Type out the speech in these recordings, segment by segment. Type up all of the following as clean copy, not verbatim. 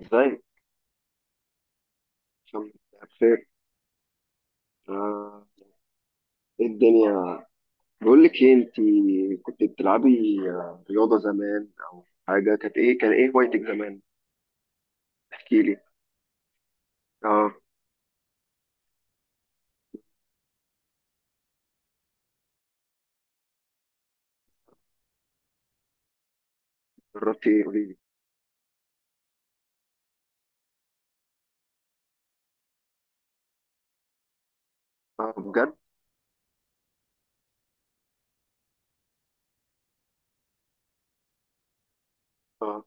ازاي؟ الحمد لله، بخير. آه، ايه الدنيا؟ بقول لك ايه، انت كنت بتلعبي رياضه زمان او حاجه، كانت ايه، كان ايه هوايتك زمان؟ احكي لي. اه، جربتي ايه؟ قولي لي. اه، بجد. اه.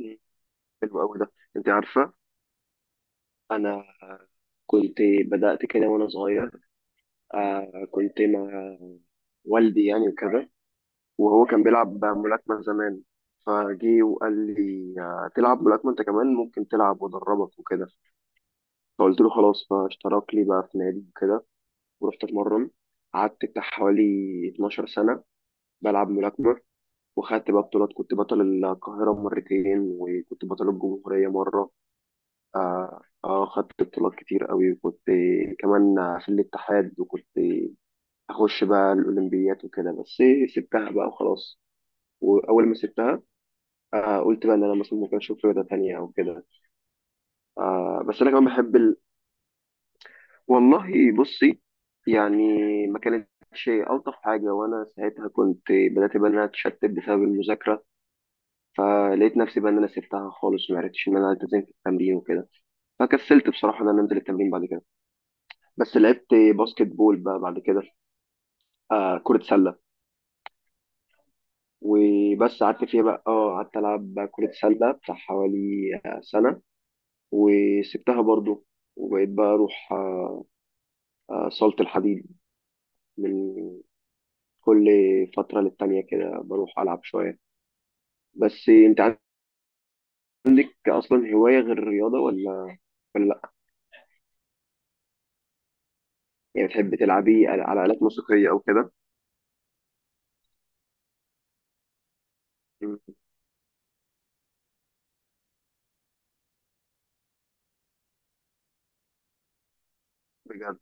مم، حلو قوي ده، انت عارفه. انا كنت، بدات كده وانا صغير. كنت مع والدي يعني وكده، وهو كان بيلعب ملاكمه زمان. فجي وقال لي، تلعب ملاكمه انت كمان، ممكن تلعب وادربك وكده. فقلت له خلاص، فاشترك لي بقى في نادي وكده، ورحت اتمرن. قعدت بتاع حوالي 12 سنة بلعب ملاكمة، وخدت بقى بطولات. كنت بطل القاهرة مرتين وكنت بطل الجمهورية مرة. خدت بطولات كتير قوي، وكنت كمان في الاتحاد، وكنت أخش بقى الأولمبيات وكده. بس سبتها بقى وخلاص. وأول ما سبتها، قلت بقى إن أنا مثلا ممكن أشوف رياضة تانية أو كده. بس أنا كمان بحب. والله بصي، يعني ما كانتش ألطف حاجة، وأنا ساعتها كنت بدأت بقى إن أنا أتشتت بسبب المذاكرة. فلقيت نفسي بقى إن أنا سبتها خالص، ما عرفتش إن أنا ألتزم في التمرين وكده. فكسلت بصراحة إن أنا أنزل التمرين بعد كده. بس لعبت باسكت بول بقى بعد كده، كرة سلة. وبس قعدت فيها بقى، قعدت ألعب بقى كرة سلة بتاع حوالي سنة. وسبتها برضو، وبقيت بقى أروح صالة الحديد من كل فترة للتانية كده، بروح ألعب شوية. بس أنت عندك أصلا هواية غير الرياضة، ولا لأ؟ يعني بتحبي تلعبي على آلات موسيقية أو كده؟ مم، بجد.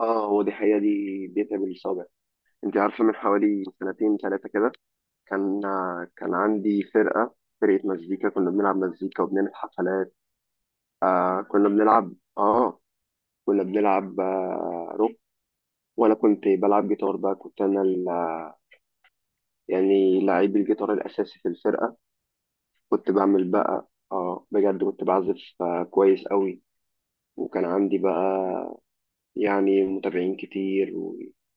هو دي حقيقة، دي بيتها بالصابع. أنت عارفة، من حوالي سنتين ثلاثة كده، كان كان عندي فرقة، فرقة مزيكا. كنا بنلعب مزيكا وبنعمل حفلات. آه كنا بنلعب آه كنا بنلعب روك. وأنا كنت بلعب جيتار بقى، كنت أنا يعني لعيب الجيتار الأساسي في الفرقة. كنت بعمل بقى، بجد كنت بعزف كويس قوي. وكان عندي بقى يعني متابعين كتير،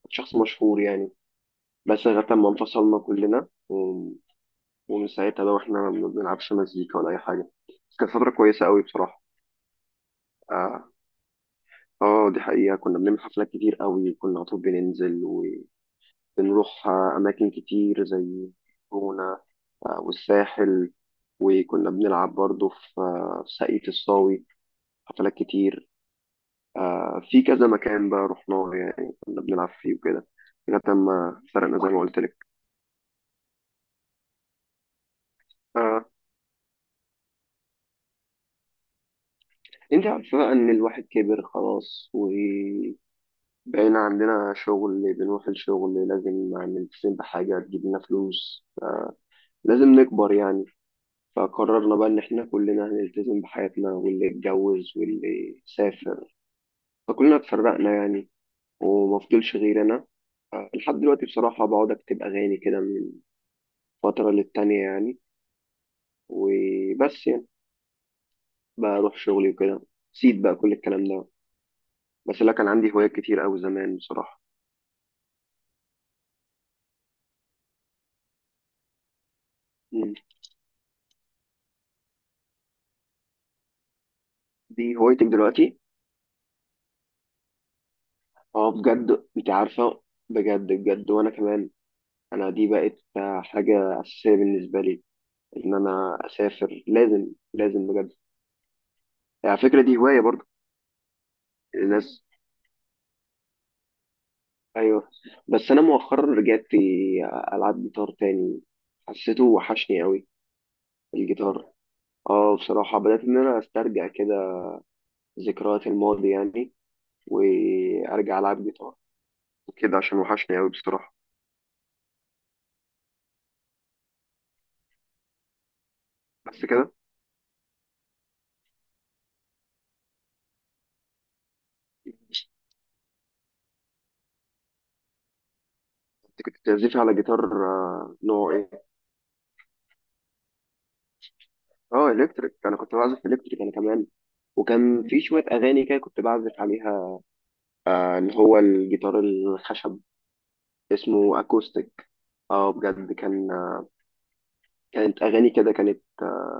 وشخص مشهور يعني. بس لغاية ما انفصلنا كلنا ومن ساعتها بقى واحنا ما بنلعبش مزيكا ولا أي حاجة. بس كانت فترة كويسة قوي بصراحة. اه. دي حقيقة، كنا بنعمل حفلات كتير قوي، كنا على طول بننزل. وبنروح أماكن كتير زي جونة، والساحل. وكنا بنلعب برضه في ساقية الصاوي حفلات كتير. في كذا مكان بقى رحناه، يعني كنا بنلعب فيه وكده، لغاية ما فرقنا زي ما قلت لك. آه انت عارفة بقى ان الواحد كبر خلاص، وبقينا عندنا شغل بنروح الشغل، لازم نلتزم بحاجة تجيب لنا فلوس. لازم نكبر يعني. فقررنا بقى ان احنا كلنا هنلتزم بحياتنا، واللي اتجوز واللي سافر، فكلنا اتفرقنا يعني. ومفضلش غير انا. لحد دلوقتي بصراحة بقعد اكتب اغاني كده من فترة للتانية يعني، وبس يعني بروح شغلي وكده. سيب بقى كل الكلام ده، بس لا، كان عندي هوايات كتير قوي زمان بصراحة. مم. دي هوايتك دلوقتي؟ اه، بجد؟ انت عارفة، بجد بجد، وانا كمان. انا دي بقت حاجة اساسية بالنسبة لي، ان انا اسافر. لازم، لازم بجد. على فكرة دي هواية برضو. الناس، ايوه. بس انا مؤخرا رجعت العب جيتار تاني، حسيته وحشني قوي الجيتار. اه، بصراحة بدأت ان انا استرجع كده ذكريات الماضي يعني، وارجع العب جيتار كده عشان وحشني قوي بصراحه. بس كده، انت كنت بتعزفي على جيتار نوع ايه؟ اه الكتريك، انا كنت بعزف الكتريك انا كمان. وكان في شويه اغاني كده كنت بعزف عليها، اللي هو الجيتار الخشب اسمه اكوستيك. اه بجد، كانت اغاني كده، كانت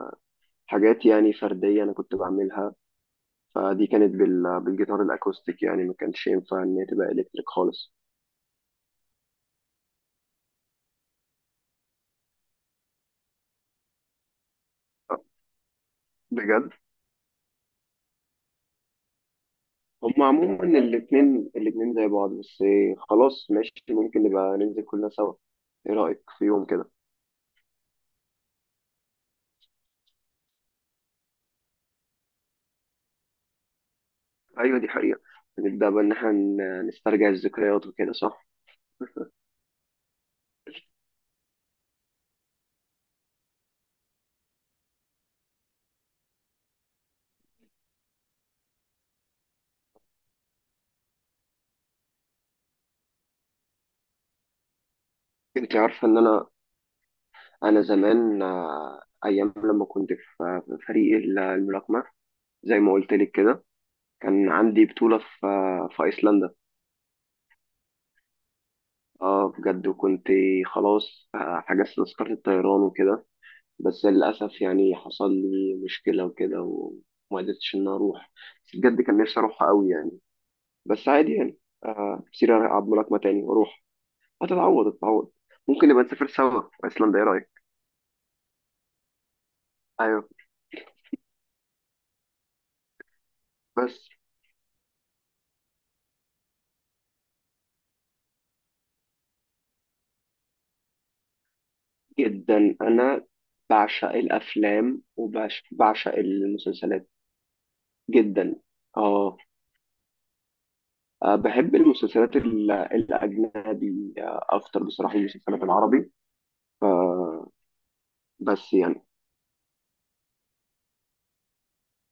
حاجات يعني فرديه انا كنت بعملها. فدي كانت بالجيتار الاكوستيك، يعني ما كانش ينفع ان هي تبقى الكتريك خالص. آه، بجد. هما عموما الاتنين زي بعض. بس إيه، خلاص ماشي، ممكن نبقى ننزل كلنا سوا. ايه رأيك في يوم كده؟ ايوه دي حقيقة، نبدأ بقى ان احنا نسترجع الذكريات وكده، صح؟ انت عارفة ان انا، انا زمان ايام لما كنت في فريق الملاكمة، زي ما قلت لك كده. كان عندي بطولة في ايسلندا. اه بجد، وكنت خلاص، حجزت تذكرة الطيران وكده. بس للأسف يعني، حصل لي مشكلة وكده، وما قدرتش إن أروح. بس بجد كان نفسي أروحها أوي يعني. بس عادي يعني، كتير ألعب ملاكمة تاني وأروح. هتتعوض، هتتعوض. ممكن نبقى نسافر سوا في أيسلندا، إيه رأيك؟ أيوه. بس جدا، أنا بعشق الأفلام وبعشق المسلسلات جدا. آه بحب المسلسلات الأجنبي، أكتر بصراحة من المسلسلات العربي. ف- بس يعني.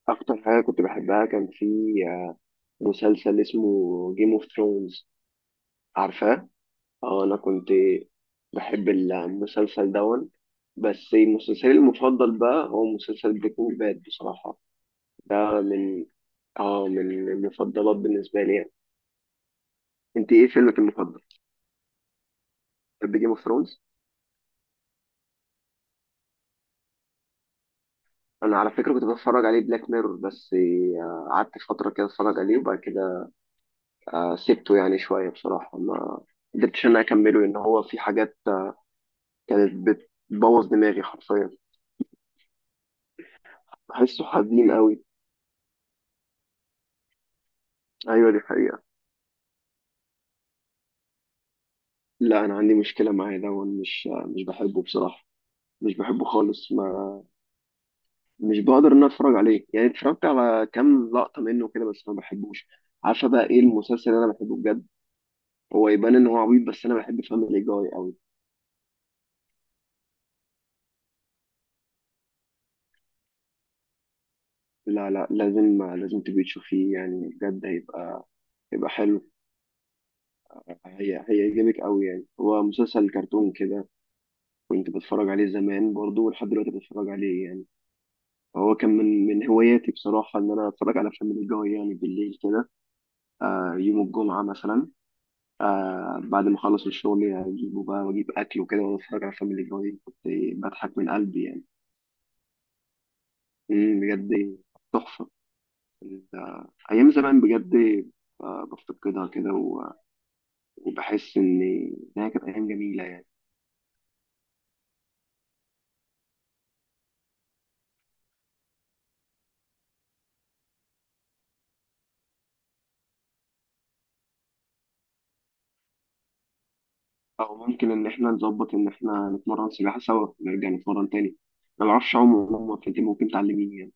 أكتر حاجة كنت بحبها كان في مسلسل اسمه جيم اوف ثرونز، عارفاه؟ اه، انا كنت بحب المسلسل دون. بس مسلسلي المفضل بقى هو مسلسل بريكنج باد بصراحة. ده من، اه من المفضلات بالنسبة لي يعني. انت ايه فيلمك المفضل؟ بتحب جيم اوف ثرونز؟ انا على فكرة كنت بتفرج عليه بلاك ميرور، بس قعدت فترة كده اتفرج عليه، وبعد كده سبته يعني شوية بصراحة. ما قدرتش ان انا اكمله، لان هو في حاجات كانت بتبوظ دماغي حرفيا. بحسه حزين قوي. ايوه دي حقيقة. لا، انا عندي مشكلة معاه ده، وأنا مش بحبه بصراحة. مش بحبه خالص، ما، مش بقدر ان أنا اتفرج عليه. يعني اتفرجت على كام لقطة منه كده، بس ما بحبوش. عارفة بقى ايه المسلسل اللي انا بحبه بجد؟ هو يبان ان هو عبيط، بس انا بحب فاميلي جاي قوي. لا لا، لازم تبقي تشوفيه يعني، بجد هيبقى حلو. هيعجبك قوي يعني، هو مسلسل كرتون كده. كنت بتفرج عليه زمان برضه، ولحد دلوقتي بتفرج عليه يعني. هو كان من هواياتي بصراحة، ان انا اتفرج على فاميلي جاي يعني بالليل كده. يوم الجمعة مثلا، بعد ما أخلص الشغل يعني أجيبه بقى وأجيب أكل وكده، وأنا بتفرج على فاميلي جاي كنت بضحك من قلبي يعني. مم، بجد. تحفة ال- أيام زمان بجد. بفتقدها كده وبحس إنها كانت أيام جميلة يعني. أو ممكن إن إحنا نظبط إن إحنا نتمرن سباحة سوا، نرجع نتمرن تاني. أنا معرفش أعوم عموما، فأنت ممكن تعلميني يعني.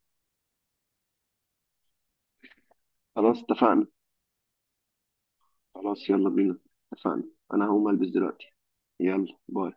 خلاص اتفقنا. خلاص يلا بينا. اتفقنا. أنا هقوم ألبس دلوقتي. يلا، باي.